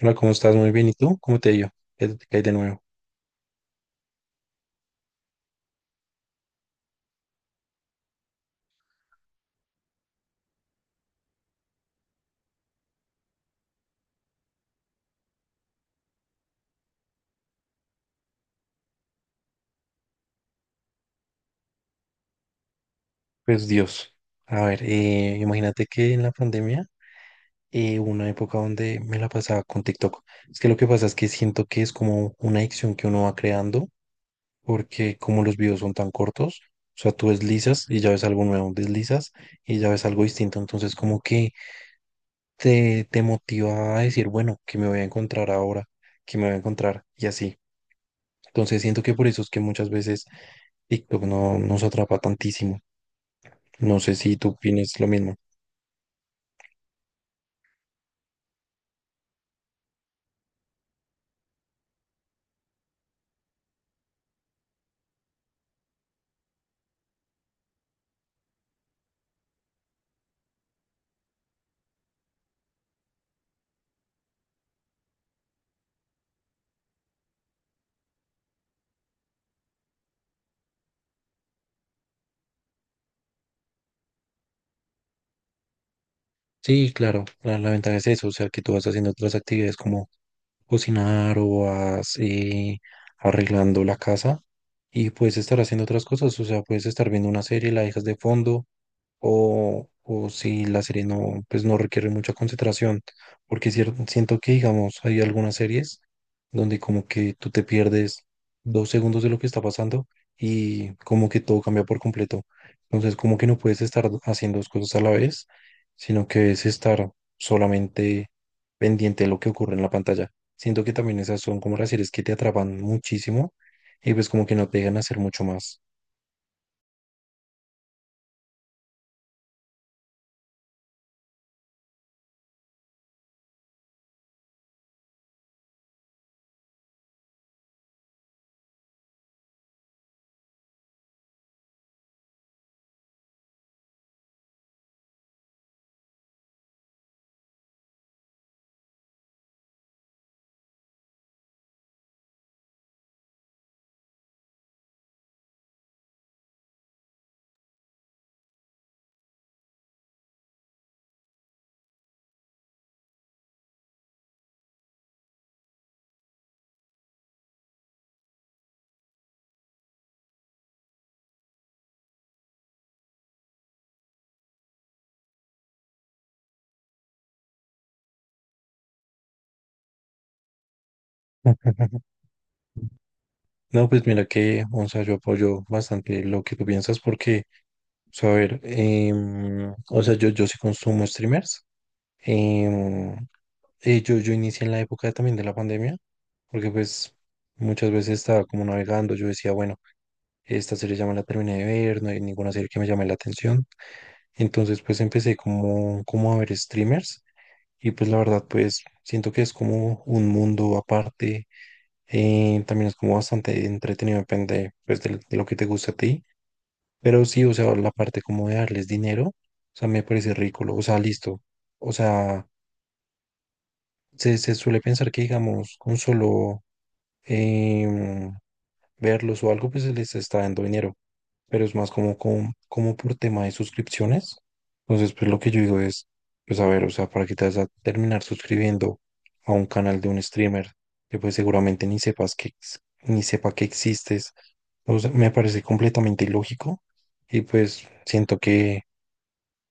Hola, ¿cómo estás? Muy bien. ¿Y tú? ¿Cómo te ha ido? ¿Qué te cae de nuevo? Pues Dios. A ver, imagínate que en la pandemia hubo una época donde me la pasaba con TikTok. Es que lo que pasa es que siento que es como una adicción que uno va creando porque como los videos son tan cortos, o sea, tú deslizas y ya ves algo nuevo, deslizas y ya ves algo distinto, entonces como que te motiva a decir, bueno, ¿qué me voy a encontrar ahora? ¿Qué me voy a encontrar? Y así. Entonces siento que por eso es que muchas veces TikTok no nos atrapa tantísimo. No sé si tú opinas lo mismo. Sí, claro, la ventaja es eso, o sea, que tú vas haciendo otras actividades como cocinar o vas arreglando la casa y puedes estar haciendo otras cosas, o sea, puedes estar viendo una serie, la dejas de fondo o si la serie no, pues no requiere mucha concentración, porque siento que, digamos, hay algunas series donde como que tú te pierdes dos segundos de lo que está pasando y como que todo cambia por completo, entonces como que no puedes estar haciendo dos cosas a la vez sino que es estar solamente pendiente de lo que ocurre en la pantalla. Siento que también esas son como las series que te atrapan muchísimo y pues como que no te dejan hacer mucho más. No, pues mira que, o sea, yo apoyo bastante lo que tú piensas porque, o sea, a ver, o sea, yo sí consumo streamers. em, yo inicié en la época también de la pandemia porque pues muchas veces estaba como navegando, yo decía, bueno, esta serie ya me la terminé de ver, no hay ninguna serie que me llame la atención. Entonces pues empecé como a ver streamers y pues la verdad pues siento que es como un mundo aparte, también es como bastante entretenido, depende pues de lo que te gusta a ti, pero sí, o sea, la parte como de darles dinero, o sea, me parece ridículo, o sea, listo, o sea, se suele pensar que digamos con solo em, verlos o algo pues se les está dando dinero, pero es más como como por tema de suscripciones. Entonces, pues lo que yo digo es, pues a ver, o sea, para que te vas a terminar suscribiendo a un canal de un streamer que pues seguramente ni sepas ni sepa que existes. O sea, me parece completamente ilógico y pues siento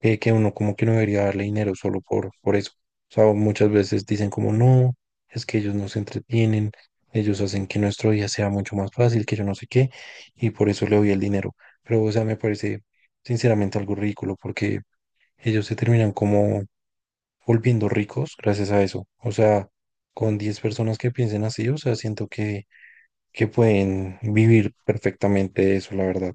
que uno como que no debería darle dinero solo por eso. O sea, muchas veces dicen como no, es que ellos nos entretienen, ellos hacen que nuestro día sea mucho más fácil, que yo no sé qué, y por eso le doy el dinero. Pero, o sea, me parece sinceramente algo ridículo porque ellos se terminan como volviendo ricos gracias a eso. O sea, con 10 personas que piensen así, o sea, siento que pueden vivir perfectamente de eso, la verdad.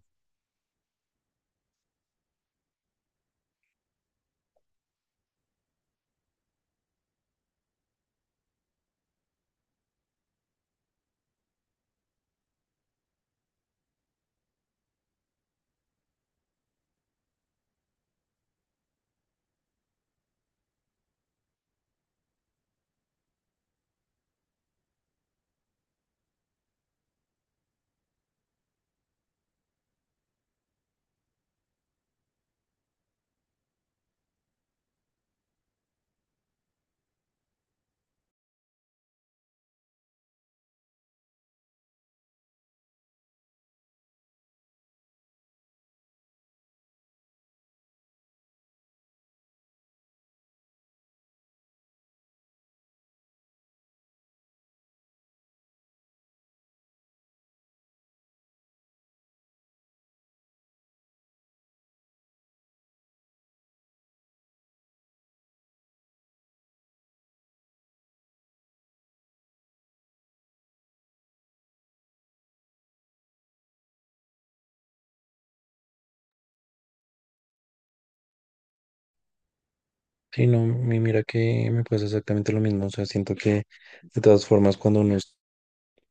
Sí, no, mira que me pasa exactamente lo mismo. O sea, siento que de todas formas cuando uno,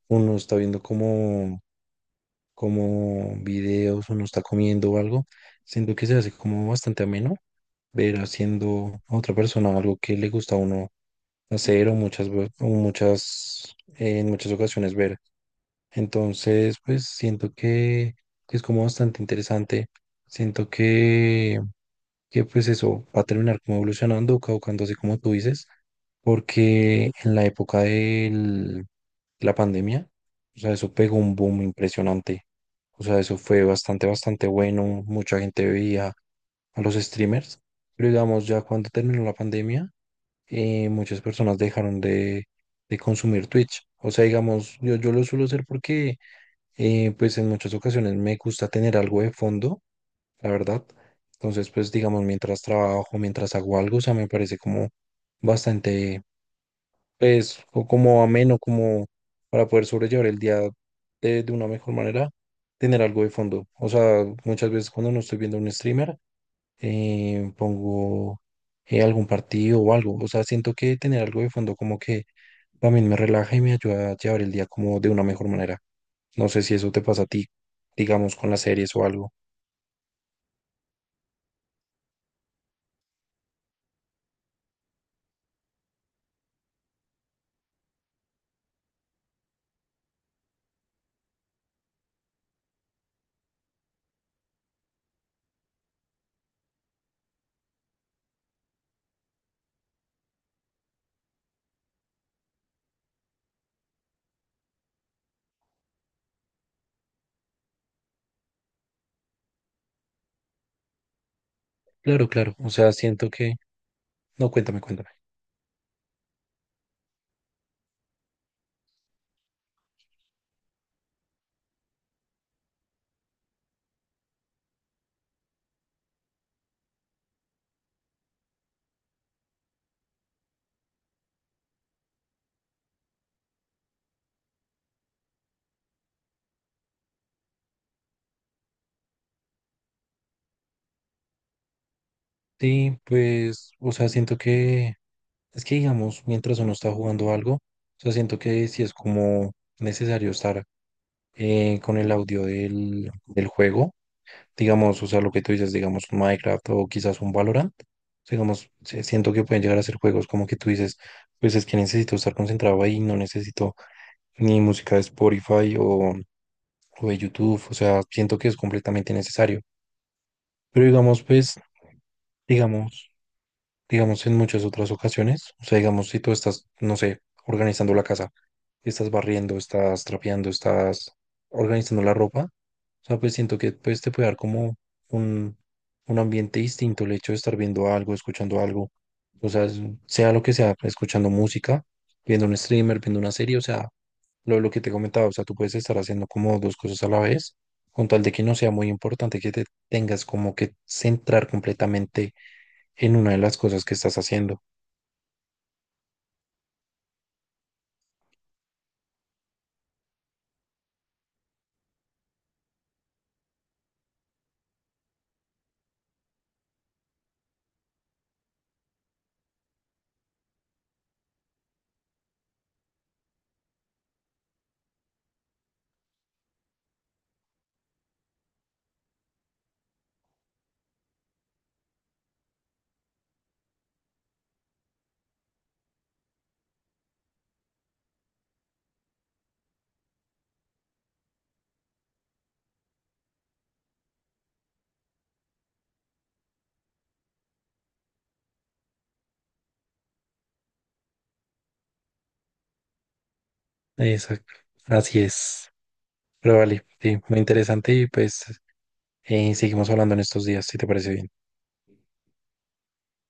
uno está viendo como videos, uno está comiendo o algo, siento que se hace como bastante ameno ver haciendo a otra persona algo que le gusta a uno hacer o muchas, en muchas ocasiones ver. Entonces, pues siento que es como bastante interesante. Siento que pues eso va a terminar como evolucionando, caducándose como tú dices, porque en la época de la pandemia, o sea, eso pegó un boom impresionante. O sea, eso fue bastante, bastante bueno. Mucha gente veía a los streamers, pero digamos, ya cuando terminó la pandemia, muchas personas dejaron de consumir Twitch. O sea, digamos, yo lo suelo hacer porque, pues en muchas ocasiones me gusta tener algo de fondo la verdad. Entonces, pues digamos, mientras trabajo, mientras hago algo, o sea, me parece como bastante, pues, o como ameno, como para poder sobrellevar el día de una mejor manera, tener algo de fondo. O sea, muchas veces cuando no estoy viendo un streamer, pongo algún partido o algo. O sea, siento que tener algo de fondo como que también me relaja y me ayuda a llevar el día como de una mejor manera. No sé si eso te pasa a ti, digamos, con las series o algo. Claro, claro. O sea, siento que no, cuéntame, cuéntame. Sí, pues, o sea, siento que es que, digamos, mientras uno está jugando algo, o sea, siento que sí es como necesario estar con el audio del juego, digamos, o sea, lo que tú dices, digamos, un Minecraft o quizás un Valorant, digamos, sí, siento que pueden llegar a ser juegos como que tú dices, pues es que necesito estar concentrado ahí, no necesito ni música de Spotify o de YouTube, o sea, siento que es completamente necesario. Pero digamos, pues, digamos, digamos, en muchas otras ocasiones. O sea, digamos, si tú estás, no sé, organizando la casa, estás barriendo, estás trapeando, estás organizando la ropa, o sea, pues siento que pues, te puede dar como un, un ambiente distinto el hecho de estar viendo algo, escuchando algo, o sea, sea lo que sea, escuchando música, viendo un streamer, viendo una serie, o sea, lo que te comentaba, o sea, tú puedes estar haciendo como dos cosas a la vez, con tal de que no sea muy importante que te tengas como que centrar completamente en una de las cosas que estás haciendo. Exacto. Así es. Pero vale, sí, muy interesante y pues seguimos hablando en estos días, si te parece bien.